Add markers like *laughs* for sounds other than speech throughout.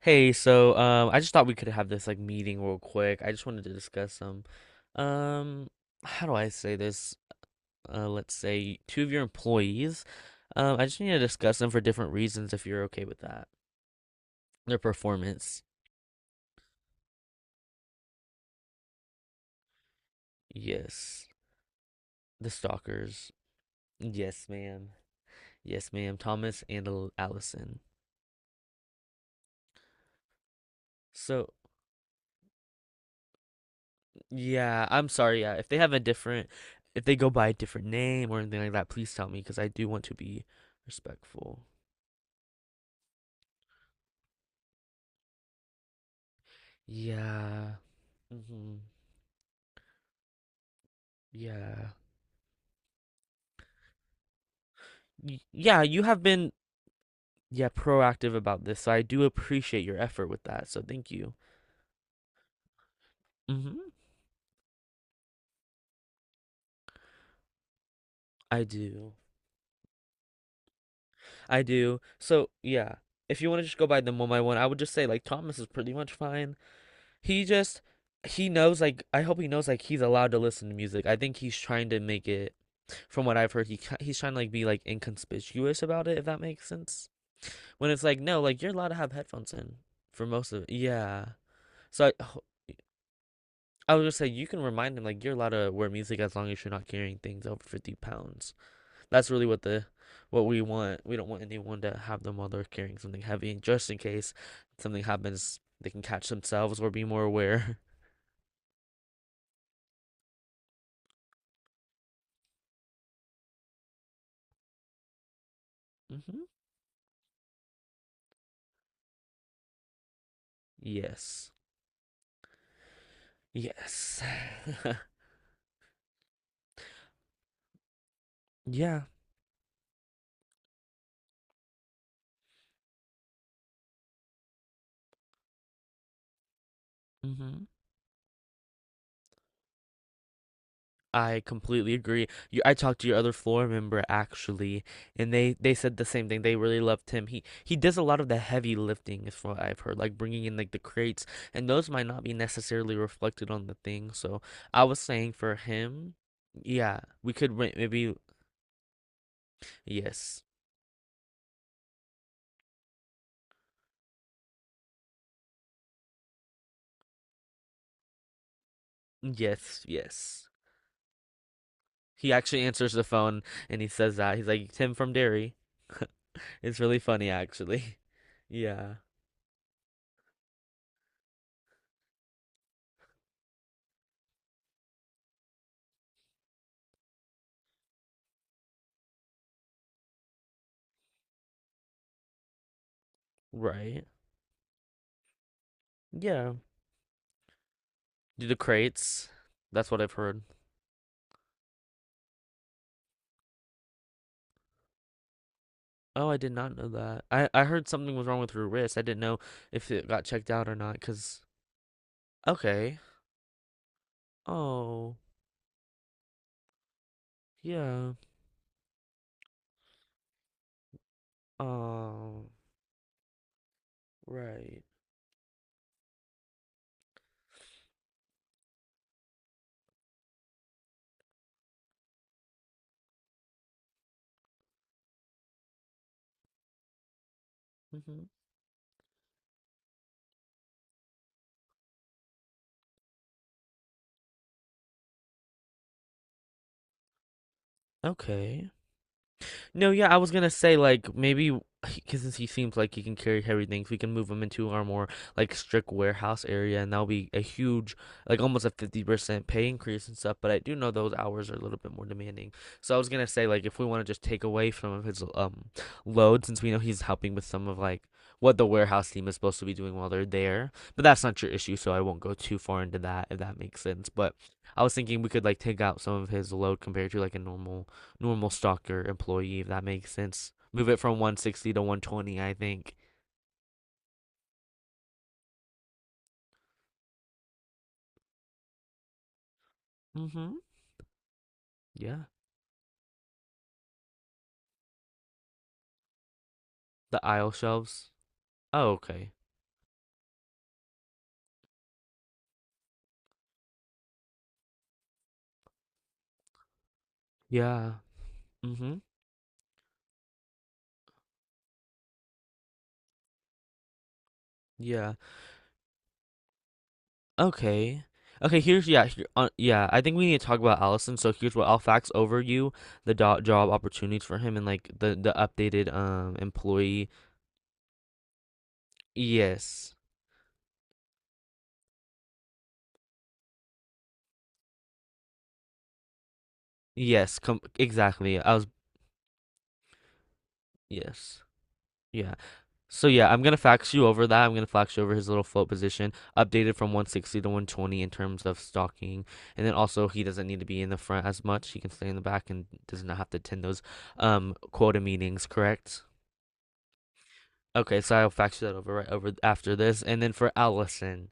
Hey, so I just thought we could have this like meeting real quick. I just wanted to discuss some, um, how do I say this? Let's say two of your employees. I just need to discuss them for different reasons if you're okay with that. Their performance. Yes. The stalkers. Yes, ma'am. Yes, ma'am. Thomas and Allison. So, yeah, I'm sorry. Yeah, if they have a different, if they go by a different name or anything like that, please tell me because I do want to be respectful. Yeah. hmm Yeah. Yeah, you have been yeah, proactive about this. So I do appreciate your effort with that. So thank you. Hmm I do. I do. So yeah, if you want to just go by them one by one, I would just say like Thomas is pretty much fine. He just he knows like I hope he knows like he's allowed to listen to music. I think he's trying to make it from what I've heard he's trying to like be like inconspicuous about it if that makes sense. When it's like no, like you're allowed to have headphones in for most of it. Yeah. So I, I was just like, you can remind them like you're allowed to wear music as long as you're not carrying things over 50 pounds. That's really what we want. We don't want anyone to have them while they're carrying something heavy, just in case something happens, they can catch themselves or be more aware. *laughs* hmm Yes. Yes. *laughs* Yeah. hmm I completely agree. You, I talked to your other floor member actually, and they said the same thing. They really loved him. He does a lot of the heavy lifting, is what I've heard, like bringing in like the crates, and those might not be necessarily reflected on the thing. So I was saying for him, yeah, we could rent maybe. Yes, yes, yes. He actually answers the phone and he says that he's like Tim from Derry. *laughs* It's really funny actually. *laughs* Yeah, right. Yeah, do the crates. That's what I've heard. Oh, I did not know that. I heard something was wrong with her wrist. I didn't know if it got checked out or not. Cause okay. Oh, yeah. Oh, right. Mhm. Okay. No, yeah, I was gonna say like maybe because he seems like he can carry heavy things, we can move him into our more like strict warehouse area, and that'll be a huge, like almost a 50% pay increase and stuff. But I do know those hours are a little bit more demanding. So I was gonna say like if we want to just take away some of his load, since we know he's helping with some of like what the warehouse team is supposed to be doing while they're there. But that's not your issue, so I won't go too far into that if that makes sense. But I was thinking we could like take out some of his load compared to like a normal stalker employee, if that makes sense. Move it from 160 to 120, I think. Mm-hmm. Yeah. The aisle shelves. Oh, okay. Yeah. Mm-hmm. Yeah. Okay. Okay, here's yeah, yeah. I think we need to talk about Allison. So here's what I'll fax over you the job opportunities for him and like the updated employee. Yes, yes, exactly. I was yes, yeah. So yeah, I'm gonna fax you over that. I'm gonna fax you over his little float position, updated from 160 to 120 in terms of stocking, and then also he doesn't need to be in the front as much. He can stay in the back and does not have to attend those quota meetings. Correct? Okay, so I'll fax you that over right over after this, and then for Allison,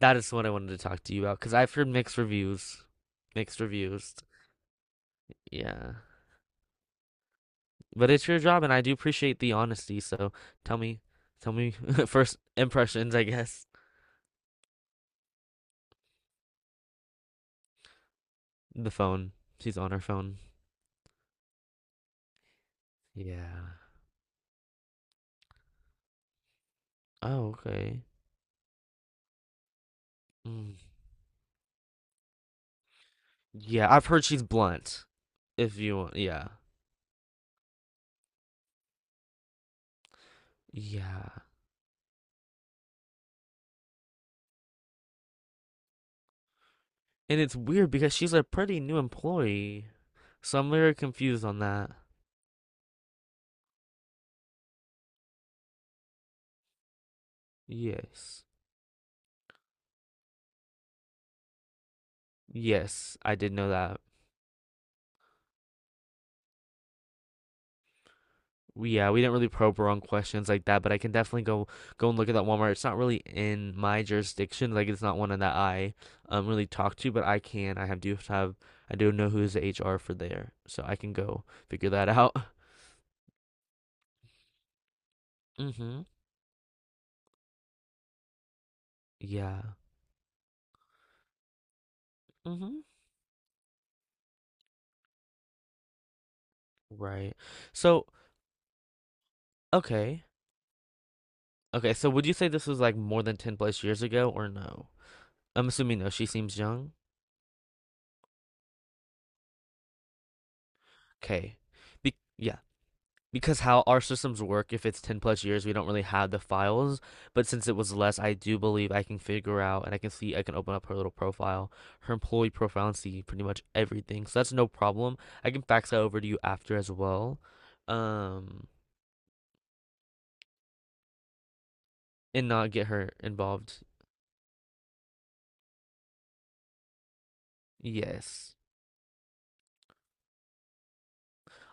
that is what I wanted to talk to you about because I've heard mixed reviews, mixed reviews. Yeah, but it's your job, and I do appreciate the honesty. So tell me, tell me *laughs* first impressions, I guess. The phone. She's on her phone. Yeah. Oh, okay. Mm. Yeah, I've heard she's blunt. If you want, yeah. Yeah. And it's weird because she's a pretty new employee. So I'm very confused on that. Yes. Yes, I did know that. We Yeah, we didn't really probe around questions like that, but I can definitely go and look at that Walmart. It's not really in my jurisdiction, like it's not one that I really talk to, but I can. I have do have I do know who's the HR for there, so I can go figure that out. *laughs* Mm-hmm. Yeah. Mm-hmm. Right. So okay. Okay, so would you say this was like more than 10 plus years ago or no? I'm assuming no, she seems young. Okay. Be yeah. Because how our systems work, if it's 10 plus years, we don't really have the files. But since it was less, I do believe I can figure out and I can see, I can open up her little profile, her employee profile, and see pretty much everything. So that's no problem. I can fax that over to you after as well. Um, and not get her involved. Yes.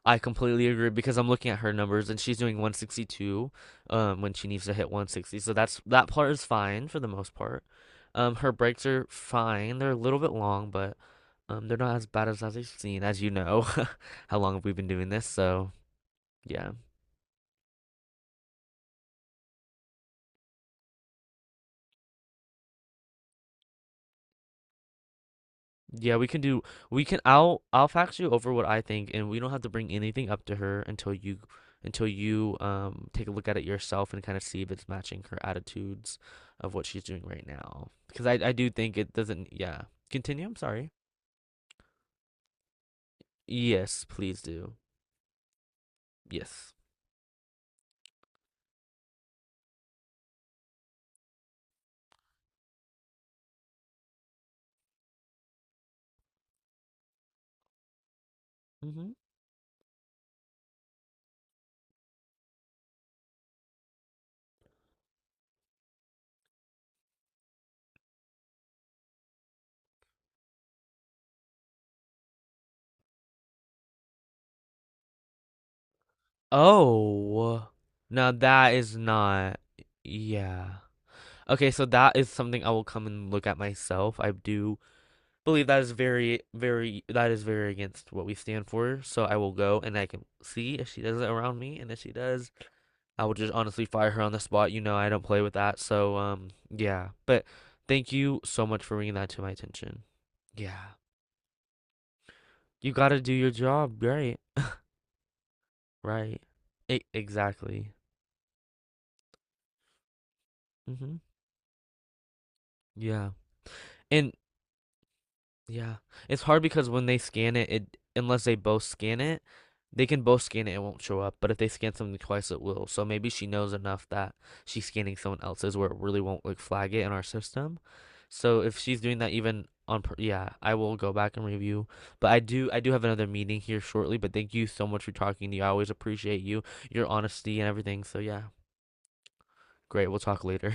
I completely agree because I'm looking at her numbers and she's doing 162 when she needs to hit 160. So that's that part is fine for the most part. Her breaks are fine. They're a little bit long, but they're not as bad as I've seen as you know. *laughs* How long have we been doing this? So, yeah. Yeah, we can do we can I'll fax you over what I think and we don't have to bring anything up to her until you take a look at it yourself and kind of see if it's matching her attitudes of what she's doing right now. Because I do think it doesn't yeah. Continue, I'm sorry. Yes, please do. Yes. Mm-hmm. Oh. Now that is not yeah. Okay, so that is something I will come and look at myself. I do believe that is very, very, that is very against what we stand for. So I will go and I can see if she does it around me, and if she does, I will just honestly fire her on the spot. You know, I don't play with that. So yeah. But thank you so much for bringing that to my attention. Yeah, you gotta do your job, right? Right. Exactly. hmm Yeah. And yeah. It's hard because when they scan it, it unless they both scan it, they can both scan it, it won't show up. But if they scan something twice, it will. So maybe she knows enough that she's scanning someone else's where it really won't like flag it in our system. So if she's doing that even on yeah, I will go back and review. But I do have another meeting here shortly, but thank you so much for talking to you. I always appreciate you, your honesty and everything. So yeah, great. We'll talk later.